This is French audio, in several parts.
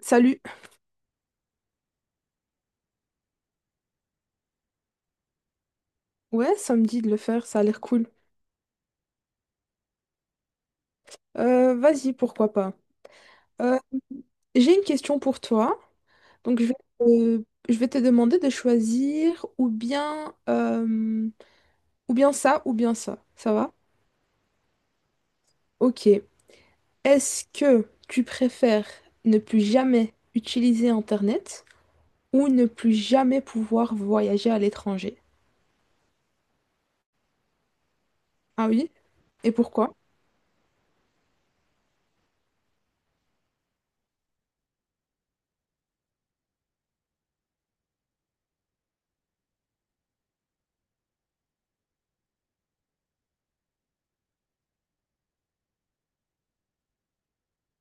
Salut. Ouais, ça me dit de le faire, ça a l'air cool. Vas-y, pourquoi pas. Euh, j'ai une question pour toi. Donc, je vais te demander de choisir ou bien ça, ou bien ça. Ça va? Ok. Est-ce que tu préfères ne plus jamais utiliser Internet ou ne plus jamais pouvoir voyager à l'étranger? Ah oui? Et pourquoi?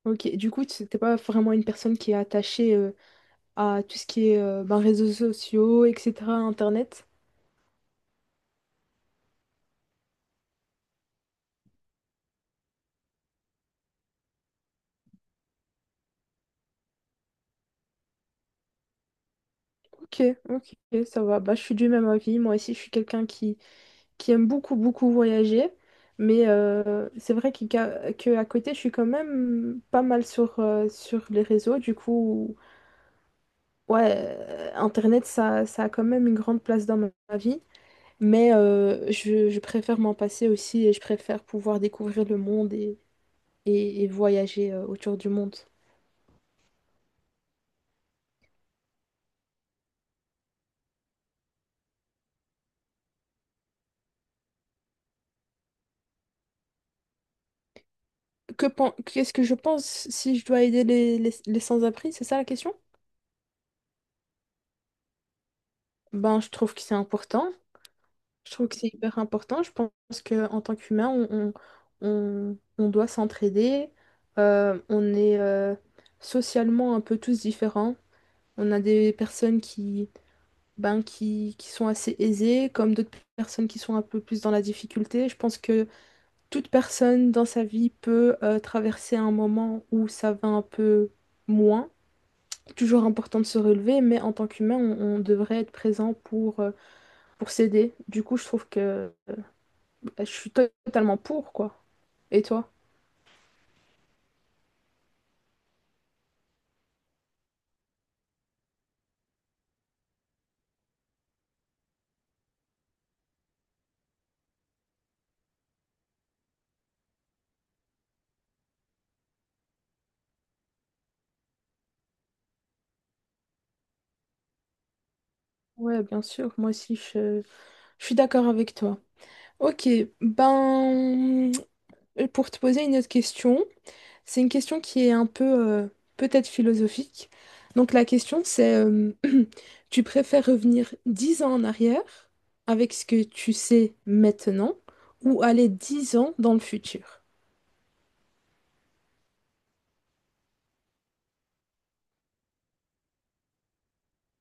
Ok. Du coup, tu n'es pas vraiment une personne qui est attachée à tout ce qui est ben, réseaux sociaux, etc., Internet. Ok, ok, ça va. Bah, je suis du même avis. Moi aussi, je suis quelqu'un qui aime beaucoup, beaucoup voyager. Mais c'est vrai qu'il- qu'à que à côté, je suis quand même pas mal sur, sur les réseaux. Du coup, ouais, Internet, ça a quand même une grande place dans ma vie. Mais je préfère m'en passer aussi et je préfère pouvoir découvrir le monde et voyager autour du monde. Qu'est-ce que je pense si je dois aider les sans-abri, c'est ça la question? Ben, je trouve que c'est important. Je trouve que c'est hyper important. Je pense qu'en tant qu'humain, on doit s'entraider. On est socialement un peu tous différents. On a des personnes ben, qui sont assez aisées, comme d'autres personnes qui sont un peu plus dans la difficulté. Je pense que toute personne dans sa vie peut traverser un moment où ça va un peu moins toujours important de se relever, mais en tant qu'humain, on devrait être présent pour s'aider. Du coup, je trouve que bah, je suis totalement pour, quoi. Et toi? Ouais, bien sûr, moi aussi, je suis d'accord avec toi. Ok, ben, pour te poser une autre question, c'est une question qui est un peu, peut-être philosophique. Donc la question, c'est, euh, tu préfères revenir 10 ans en arrière avec ce que tu sais maintenant ou aller 10 ans dans le futur?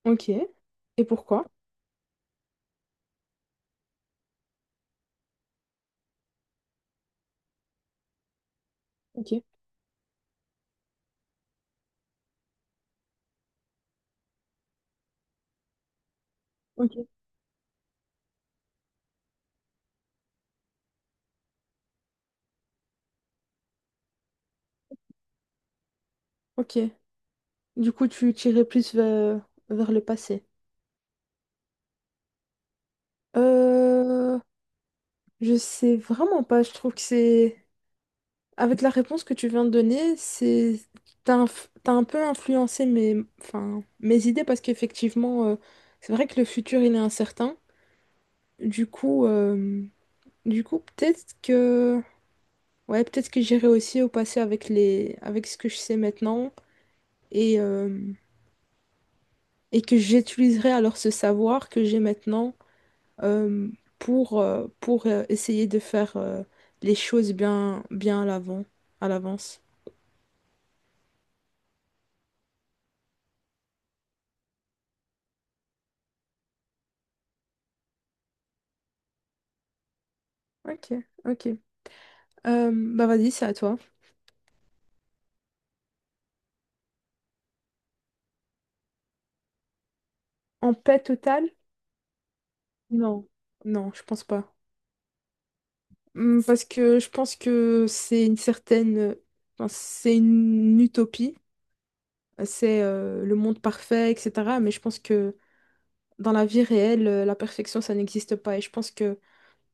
Ok. Et pourquoi? Ok, ok, ok. Du coup, tu tirais plus vers, vers le passé. Euh, je sais vraiment pas. Je trouve que c'est... Avec la réponse que tu viens de donner, c'est... t'as un peu influencé enfin, mes idées parce qu'effectivement, c'est vrai que le futur, il est incertain. Du coup, peut-être que... Ouais, peut-être que j'irai aussi au passé avec les... avec ce que je sais maintenant et, euh, et que j'utiliserai alors ce savoir que j'ai maintenant euh, pour, essayer de faire les choses bien, bien à l'avant, à l'avance. Ok, ok. Euh, bah vas-y, c'est à toi. En paix totale? Non, non, je pense pas. Parce que je pense que c'est une certaine, enfin, c'est une utopie, c'est le monde parfait, etc. Mais je pense que dans la vie réelle, la perfection, ça n'existe pas. Et je pense que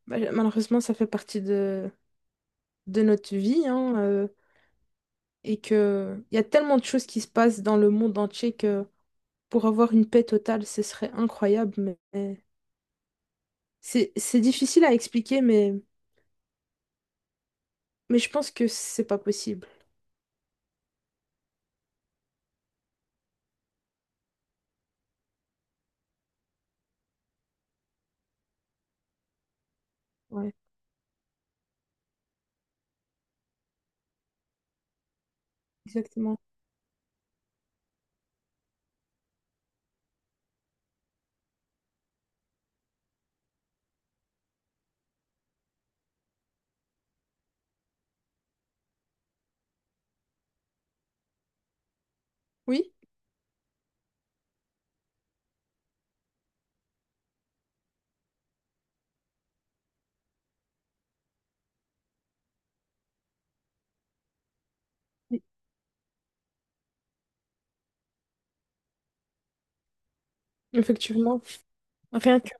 bah, malheureusement, ça fait partie de notre vie, hein. Et que il y a tellement de choses qui se passent dans le monde entier que pour avoir une paix totale, ce serait incroyable, mais c'est difficile à expliquer, mais je pense que c'est pas possible. Ouais, exactement. Oui, oui, effectivement. Rien que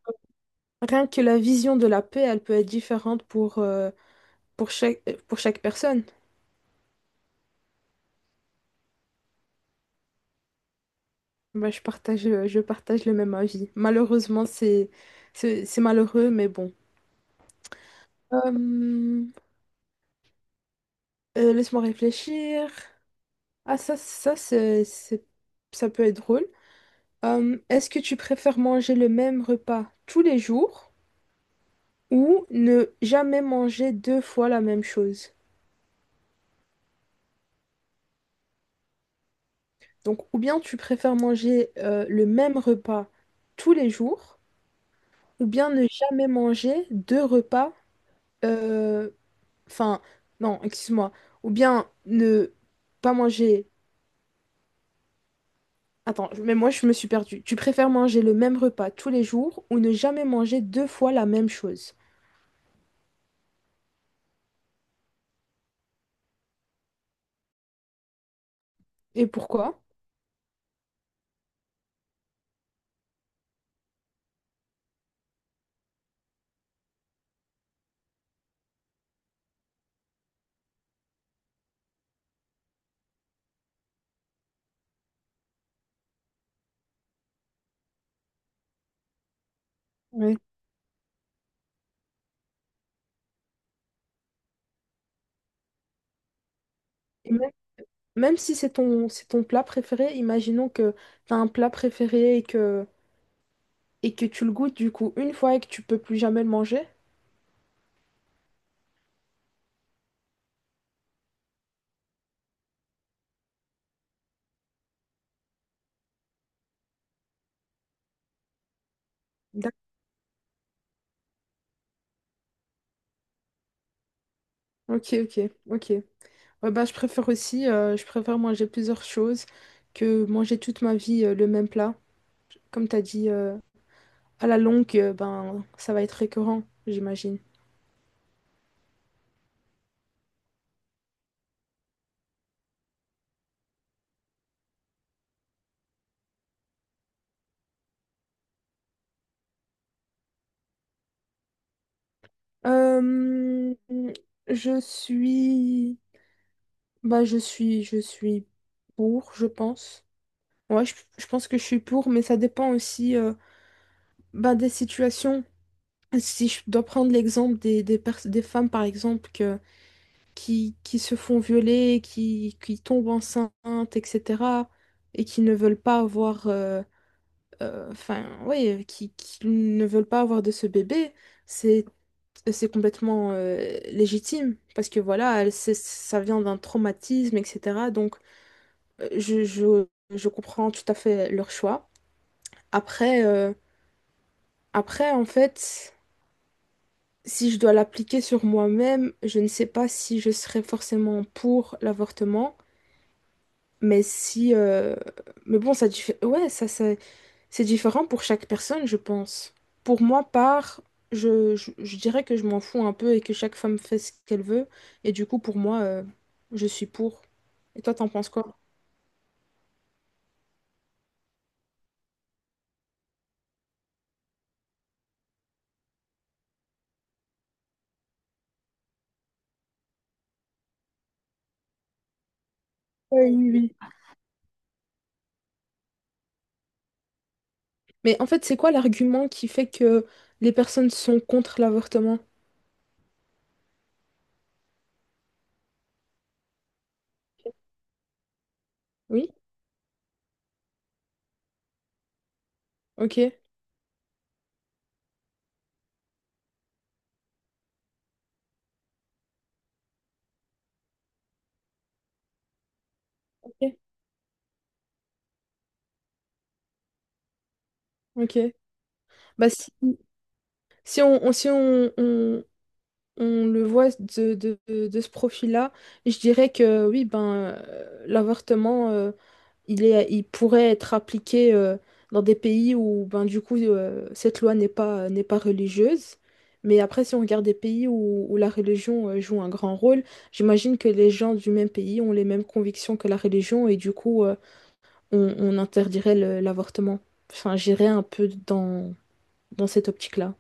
rien que la vision de la paix, elle peut être différente pour chaque personne. Bah, je partage le même avis. Malheureusement, c'est malheureux, mais bon. Euh, laisse-moi réfléchir. Ah, ça peut être drôle. Est-ce que tu préfères manger le même repas tous les jours ou ne jamais manger deux fois la même chose? Donc, ou bien tu préfères manger le même repas tous les jours ou bien ne jamais manger deux repas, euh, enfin, non, excuse-moi, ou bien ne pas manger... Attends, mais moi je me suis perdue. Tu préfères manger le même repas tous les jours ou ne jamais manger deux fois la même chose? Et pourquoi? Oui. Et même, même si c'est ton, c'est ton plat préféré, imaginons que tu as un plat préféré et que tu le goûtes du coup une fois et que tu peux plus jamais le manger. D'ac- ok. Ouais, bah, je préfère manger plusieurs choses que manger toute ma vie le même plat. Comme tu as dit, à la longue, ben, ça va être récurrent, j'imagine. Euh, je suis... Bah, je suis pour, je pense. Ouais, je pense que je suis pour, mais ça dépend aussi ben, des situations. Si je dois prendre l'exemple des femmes, par exemple, que, qui se font violer, qui tombent enceintes, etc., et qui ne veulent pas avoir, ouais, qui ne veulent pas avoir de ce bébé, c'est, c'est complètement légitime, parce que voilà, ça vient d'un traumatisme, etc. Donc, euh, je, je, je comprends tout à fait leur choix. Après, euh, en fait, si je dois l'appliquer sur moi-même, je ne sais pas si je serais forcément pour l'avortement, mais si, mais bon, ça, ouais, c'est différent pour chaque personne, je pense. Pour moi, je dirais que je m'en fous un peu et que chaque femme fait ce qu'elle veut, et du coup, pour moi, je suis pour. Et toi, t'en penses quoi? Oui, oui, oui. Mais en fait, c'est quoi l'argument qui fait que les personnes sont contre l'avortement? Oui? Ok. Ok. Ok. Bah si. Si on, on- si on, on- on le voit de ce profil-là, je dirais que oui, ben, l'avortement, il pourrait être appliqué dans des pays où, ben, du coup, cette loi n'est pas religieuse. Mais après, si on regarde des pays où, où la religion joue un grand rôle, j'imagine que les gens du même pays ont les mêmes convictions que la religion et du coup, on interdirait l'avortement. Enfin, j'irais un peu dans, dans cette optique-là.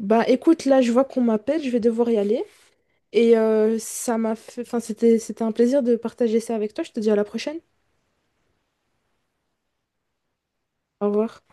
Bah écoute, là je vois qu'on m'appelle, je vais devoir y aller. Et ça m'a fait... Enfin, c'était un plaisir de partager ça avec toi. Je te dis à la prochaine. Au revoir.